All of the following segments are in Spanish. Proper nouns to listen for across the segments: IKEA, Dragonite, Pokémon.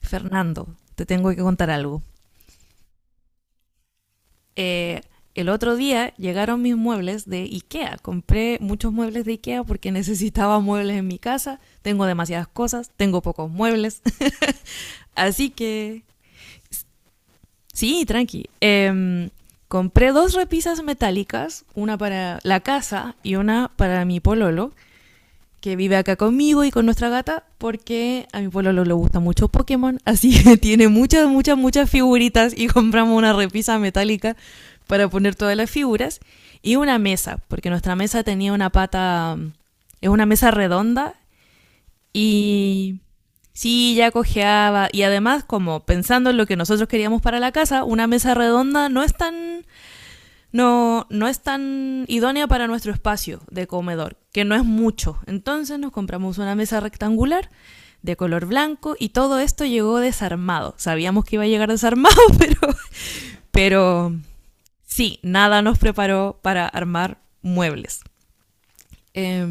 Fernando, te tengo que contar algo. Eh, el otro día llegaron mis muebles de IKEA. Compré muchos muebles de IKEA porque necesitaba muebles en mi casa. Tengo demasiadas cosas, tengo pocos muebles. Así que, sí, tranqui. Compré dos repisas metálicas, una para la casa y una para mi pololo, que vive acá conmigo y con nuestra gata, porque a mi pueblo le gusta mucho Pokémon, así que tiene muchas, muchas, muchas figuritas y compramos una repisa metálica para poner todas las figuras y una mesa, porque nuestra mesa tenía una pata, es una mesa redonda y sí, ya cojeaba. Y además, como pensando en lo que nosotros queríamos para la casa, una mesa redonda no es tan, no, no es tan idónea para nuestro espacio de comedor, que no es mucho. Entonces nos compramos una mesa rectangular de color blanco y todo esto llegó desarmado. Sabíamos que iba a llegar desarmado, pero sí, nada nos preparó para armar muebles. Eh,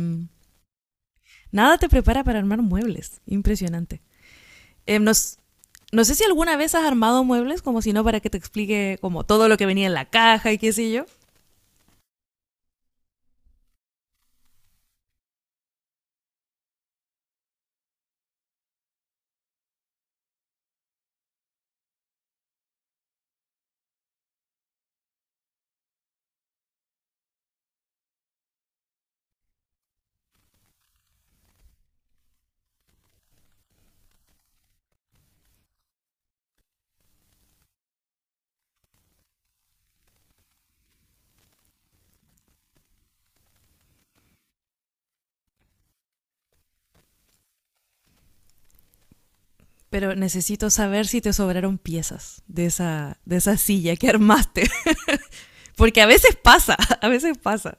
Nada te prepara para armar muebles. Impresionante. Eh, nos, no sé si alguna vez has armado muebles, como si no, para que te explique como todo lo que venía en la caja y qué sé yo. Pero necesito saber si te sobraron piezas de esa silla que armaste. Porque a veces pasa, a veces pasa.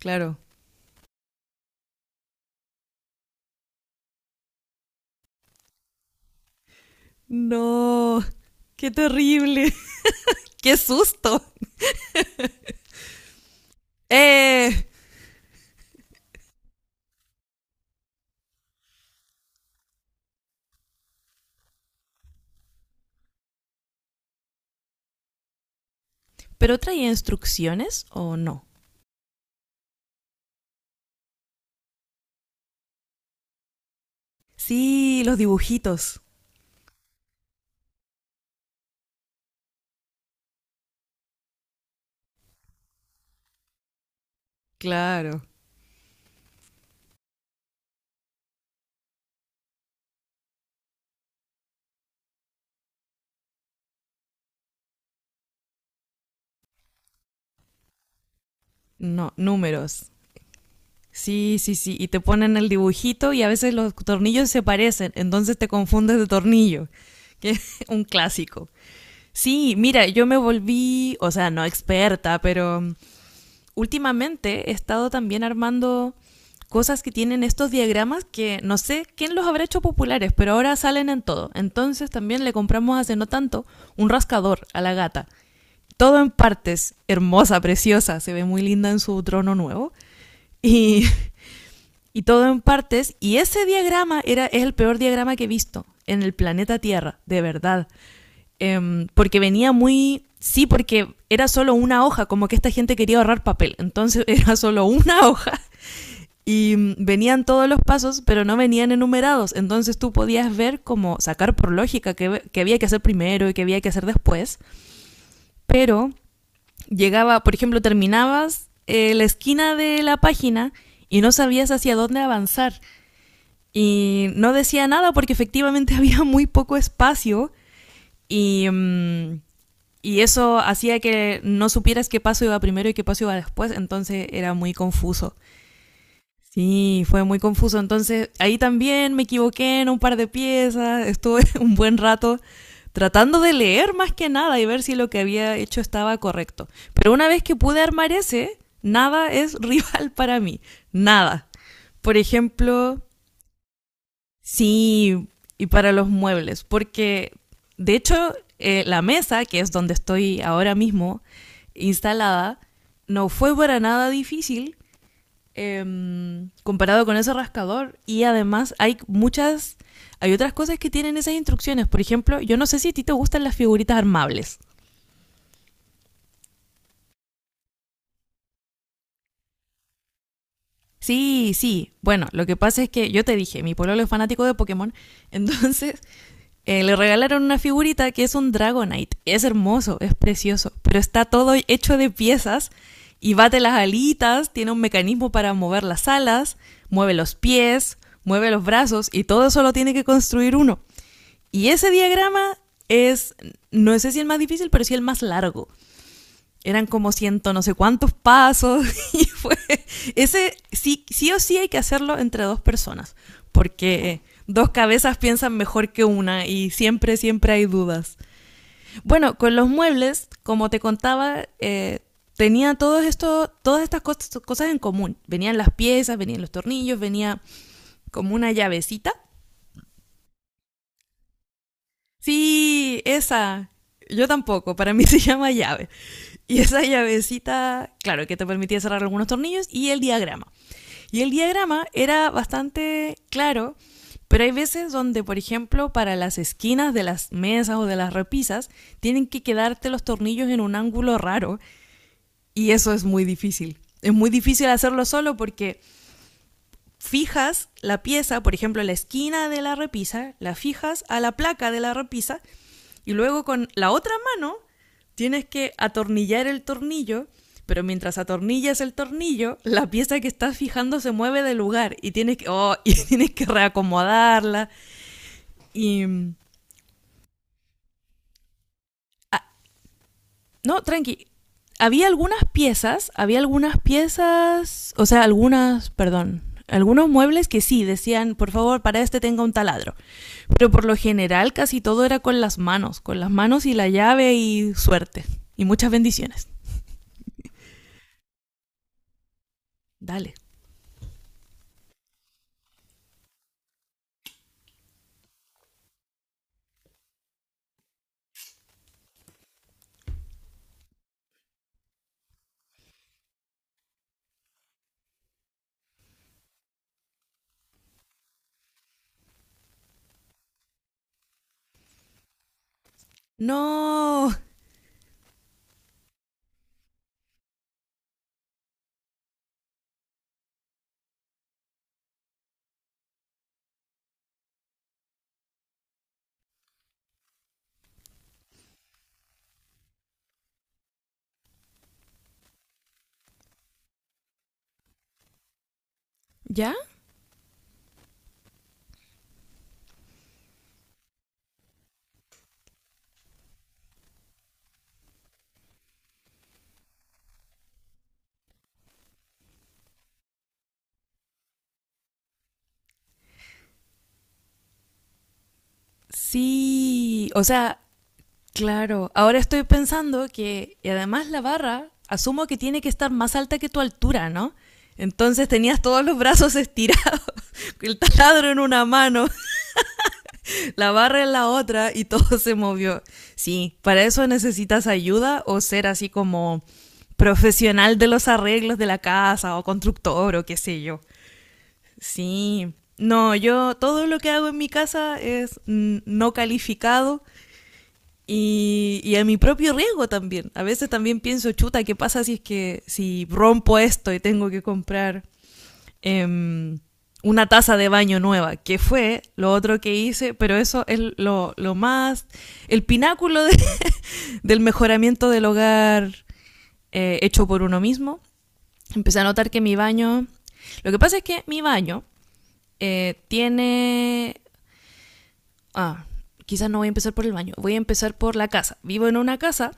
Claro. No, qué terrible. Qué susto. Eh, ¿Pero traía instrucciones o no? Sí, los dibujitos. Claro. No, números. Sí, sí, sí. Y te ponen el dibujito y a veces los tornillos se parecen, entonces te confundes de tornillo, que es un clásico. Sí, mira, yo me volví, o sea, no experta, pero últimamente he estado también armando cosas que tienen estos diagramas que no sé quién los habrá hecho populares, pero ahora salen en todo. Entonces también le compramos hace no tanto un rascador a la gata. Todo en partes, hermosa, preciosa, se ve muy linda en su trono nuevo. Y y todo en partes. Y ese diagrama era, es el peor diagrama que he visto en el planeta Tierra, de verdad. Porque venía muy... Sí, porque era solo una hoja, como que esta gente quería ahorrar papel. Entonces era solo una hoja y venían todos los pasos, pero no venían enumerados. Entonces tú podías ver como sacar por lógica qué, qué había que hacer primero y qué había que hacer después. Pero llegaba, por ejemplo, terminabas la esquina de la página y no sabías hacia dónde avanzar. Y no decía nada porque efectivamente había muy poco espacio y, y eso hacía que no supieras qué paso iba primero y qué paso iba después, entonces era muy confuso. Sí, fue muy confuso. Entonces ahí también me equivoqué en un par de piezas, estuve un buen rato tratando de leer más que nada y ver si lo que había hecho estaba correcto. Pero una vez que pude armar ese, nada es rival para mí, nada. Por ejemplo, sí, y para los muebles, porque de hecho la mesa, que es donde estoy ahora mismo instalada, no fue para nada difícil comparado con ese rascador. Y además hay muchas, hay otras cosas que tienen esas instrucciones. Por ejemplo, yo no sé si a ti te gustan las figuritas armables. Sí, sí. Bueno, lo que pasa es que yo te dije, mi pueblo es fanático de Pokémon, entonces le regalaron una figurita que es un Dragonite. Es hermoso, es precioso, pero está todo hecho de piezas y bate las alitas, tiene un mecanismo para mover las alas, mueve los pies, mueve los brazos y todo eso lo tiene que construir uno. Y ese diagrama es, no sé si el más difícil, pero sí el más largo. Eran como ciento no sé cuántos pasos y fue, ese sí, sí o sí hay que hacerlo entre dos personas, porque dos cabezas piensan mejor que una y siempre siempre hay dudas. Bueno, con los muebles, como te contaba, tenía todos estos, todas estas cosas en común. Venían las piezas, venían los tornillos, venía como una llavecita. Sí, esa. Yo tampoco, para mí se llama llave. Y esa llavecita, claro, que te permitía cerrar algunos tornillos y el diagrama. Y el diagrama era bastante claro, pero hay veces donde, por ejemplo, para las esquinas de las mesas o de las repisas, tienen que quedarte los tornillos en un ángulo raro y eso es muy difícil. Es muy difícil hacerlo solo porque fijas la pieza, por ejemplo, la esquina de la repisa, la fijas a la placa de la repisa y luego con la otra mano tienes que atornillar el tornillo, pero mientras atornillas el tornillo, la pieza que estás fijando se mueve de lugar y tienes que, oh, y tienes que reacomodarla. Y. ah, no, tranqui. Había algunas piezas, o sea, algunas, perdón, Algunos muebles que sí decían, por favor, para este tenga un taladro. Pero por lo general casi todo era con las manos y la llave y suerte. Y muchas bendiciones. Dale. No. ¿Ya? Sí, o sea, claro. Ahora estoy pensando que, y además la barra, asumo que tiene que estar más alta que tu altura, ¿no? Entonces tenías todos los brazos estirados, el taladro en una mano, la barra en la otra y todo se movió. Sí, para eso necesitas ayuda o ser así como profesional de los arreglos de la casa o constructor o qué sé yo. Sí, no, yo todo lo que hago en mi casa es no calificado. Y, y a mi propio riesgo también. A veces también pienso, chuta, ¿qué pasa si es que si rompo esto y tengo que comprar em, una taza de baño nueva? Que fue lo otro que hice, pero eso es lo más, el pináculo de del mejoramiento del hogar hecho por uno mismo. Empecé a notar que mi baño, lo que pasa es que mi baño eh, tiene ah, quizás no voy a empezar por el baño, voy a empezar por la casa. Vivo en una casa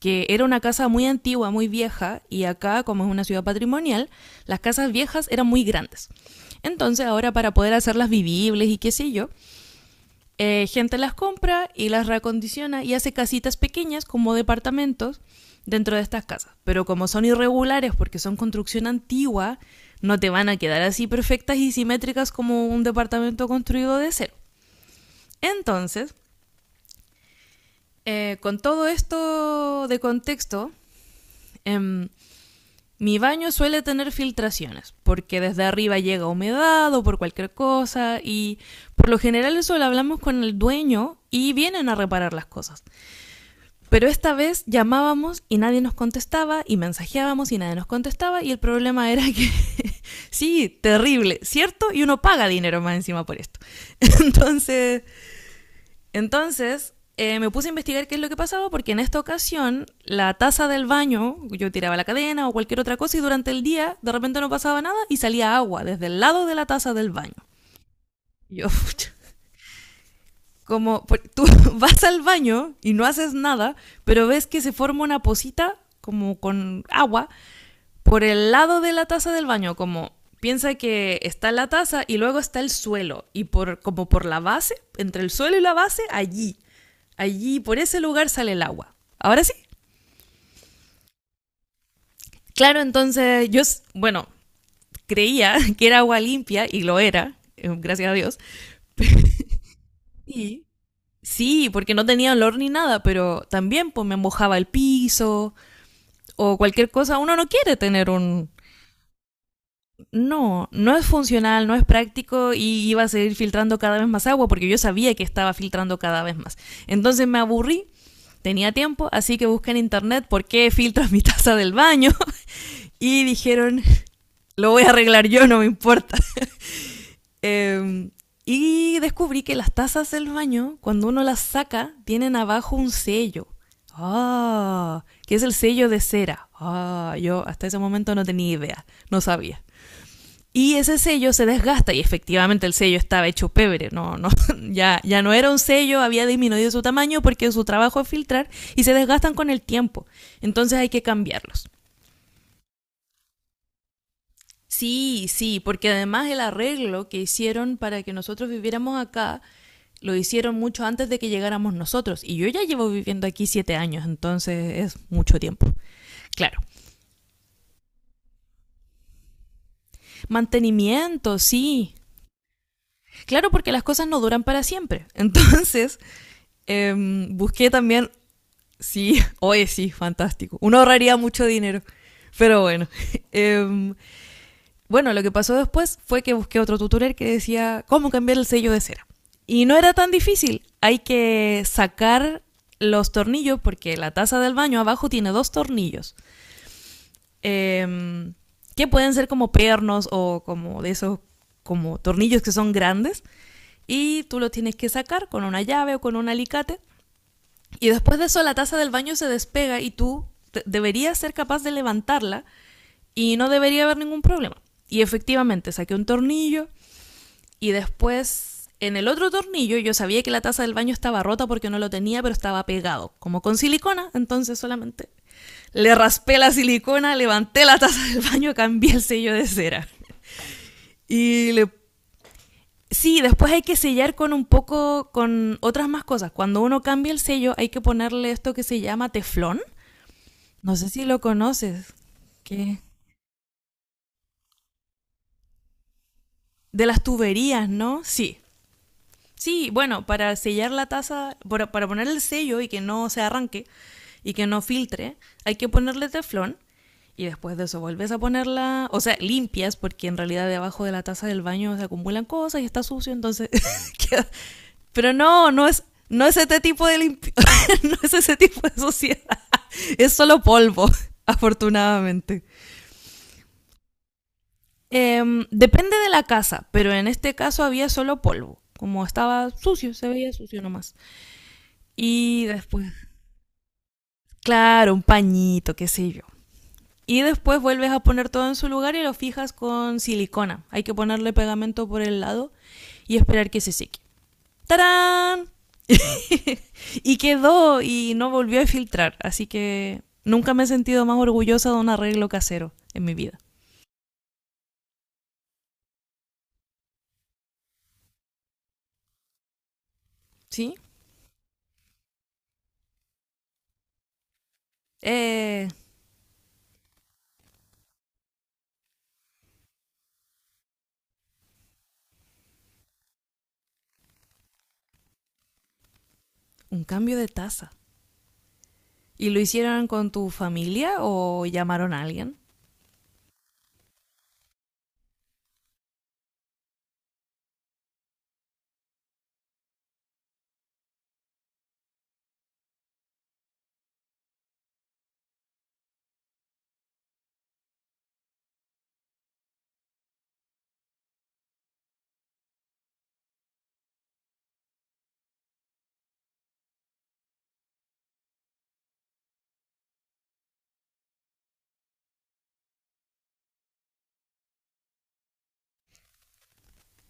que era una casa muy antigua, muy vieja, y acá, como es una ciudad patrimonial, las casas viejas eran muy grandes. Entonces, ahora para poder hacerlas vivibles y qué sé yo, gente las compra y las reacondiciona y hace casitas pequeñas como departamentos dentro de estas casas. Pero como son irregulares porque son construcción antigua, no te van a quedar así perfectas y simétricas como un departamento construido de cero. Entonces, con todo esto de contexto, em, mi baño suele tener filtraciones, porque desde arriba llega humedad o por cualquier cosa, y por lo general eso lo hablamos con el dueño y vienen a reparar las cosas. Pero esta vez llamábamos y nadie nos contestaba, y mensajeábamos y nadie nos contestaba, y el problema era que, sí, terrible, ¿cierto? Y uno paga dinero más encima por esto. Entonces, entonces, me puse a investigar qué es lo que pasaba, porque en esta ocasión la taza del baño, yo tiraba la cadena o cualquier otra cosa y durante el día de repente no pasaba nada y salía agua desde el lado de la taza del baño. Y yo, como pues, tú vas al baño y no haces nada, pero ves que se forma una pocita como con agua por el lado de la taza del baño, como piensa que está la taza y luego está el suelo y por como por la base, entre el suelo y la base allí, allí, por ese lugar sale el agua. Ahora sí. Claro, entonces yo, bueno, creía que era agua limpia y lo era, gracias a Dios. Y Sí, porque no tenía olor ni nada, pero también pues me mojaba el piso o cualquier cosa. Uno no quiere tener un... No, no es funcional, no es práctico y iba a seguir filtrando cada vez más agua porque yo sabía que estaba filtrando cada vez más. Entonces me aburrí, tenía tiempo, así que busqué en internet por qué filtro mi taza del baño y dijeron, lo voy a arreglar yo, no me importa. Eh, y descubrí que las tazas del baño, cuando uno las saca, tienen abajo un sello. Ah, que es el sello de cera. Ah, yo hasta ese momento no tenía idea, no sabía. Y ese sello se desgasta y efectivamente el sello estaba hecho pebre, no, no, ya, ya no era un sello, había disminuido su tamaño porque su trabajo es filtrar y se desgastan con el tiempo. Entonces hay que cambiarlos. Sí, sí, porque además el arreglo que hicieron para que nosotros viviéramos acá lo hicieron mucho antes de que llegáramos nosotros. Y yo ya llevo viviendo aquí 7 años, entonces es mucho tiempo. Claro. Mantenimiento, sí. Claro, porque las cosas no duran para siempre. Entonces, busqué también, sí, oye, sí, fantástico. Uno ahorraría mucho dinero. Pero bueno, em, bueno, lo que pasó después fue que busqué otro tutorial que decía cómo cambiar el sello de cera. Y no era tan difícil. Hay que sacar los tornillos porque la taza del baño abajo tiene dos tornillos. em, que pueden ser como pernos o como de esos como tornillos que son grandes. Y tú los tienes que sacar con una llave o con un alicate y después de eso la taza del baño se despega y tú deberías ser capaz de levantarla y no debería haber ningún problema. Y efectivamente saqué un tornillo y después en el otro tornillo yo sabía que la taza del baño estaba rota porque no lo tenía, pero estaba pegado, como con silicona, entonces solamente le raspé la silicona, levanté la taza del baño, cambié el sello de cera. Y le... Sí, después hay que sellar con un poco, con otras más cosas. Cuando uno cambia el sello hay que ponerle esto que se llama teflón, no sé si lo conoces. ¿Qué? De las tuberías, ¿no? Sí. Sí, bueno, para sellar la taza, para poner el sello y que no se arranque y que no filtre, hay que ponerle teflón y después de eso vuelves a ponerla, o sea, limpias, porque en realidad debajo de la taza del baño se acumulan cosas y está sucio, entonces queda- Pero no, no es, no es ese tipo de limpi- no es ese tipo de suciedad, es solo polvo, afortunadamente. Depende de la casa, pero en este caso había solo polvo. Como estaba sucio, se veía sucio nomás. Y después, claro, un pañito, qué sé yo. Y después vuelves a poner todo en su lugar y lo fijas con silicona. Hay que ponerle pegamento por el lado y esperar que se seque. ¡Tarán! Y quedó y no volvió a filtrar. Así que nunca me he sentido más orgullosa de un arreglo casero en mi vida. ¿Sí? Eh, un cambio de taza. ¿Y lo hicieron con tu familia o llamaron a alguien?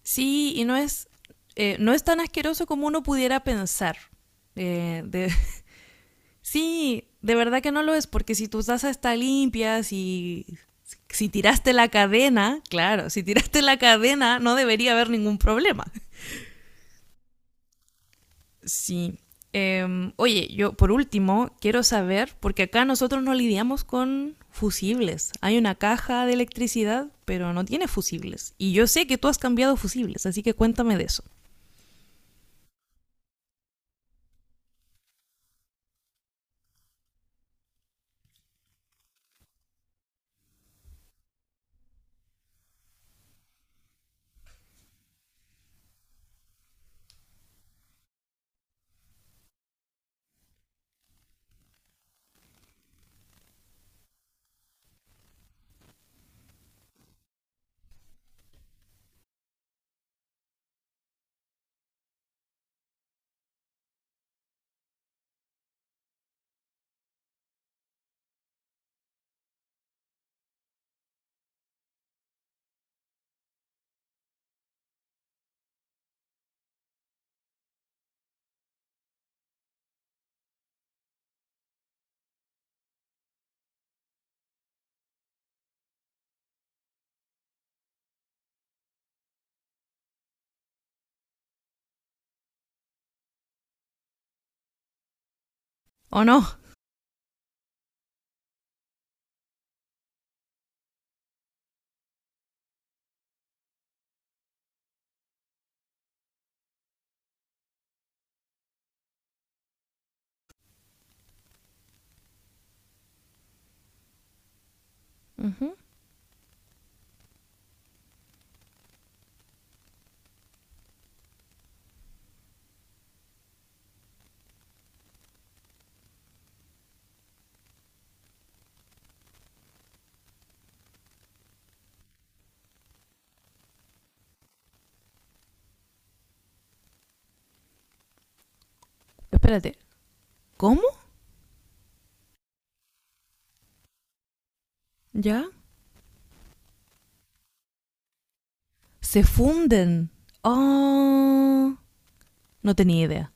Sí, y no es, no es tan asqueroso como uno pudiera pensar. Eh, de- sí, de verdad que no lo es, porque si tu taza está limpia, si, si tiraste la cadena, claro, si tiraste la cadena no debería haber ningún problema. Sí. Oye, yo por último quiero saber, porque acá nosotros no lidiamos con fusibles. Hay una caja de electricidad, pero no tiene fusibles. Y yo sé que tú has cambiado fusibles, así que cuéntame de eso. ¿O no? Ujú. Espérate. ¿Cómo? ¿Ya? Se funden. Oh, no tenía idea.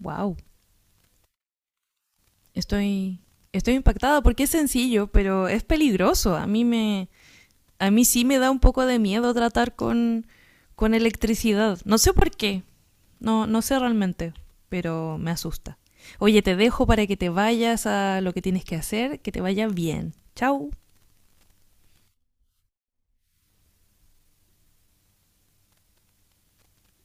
Wow. Estoy, estoy impactada porque es sencillo, pero es peligroso. A mí me, a mí sí me da un poco de miedo tratar con electricidad. No sé por qué, no, no sé realmente, pero me asusta. Oye, te dejo para que te vayas a lo que tienes que hacer, que te vaya bien. Chao.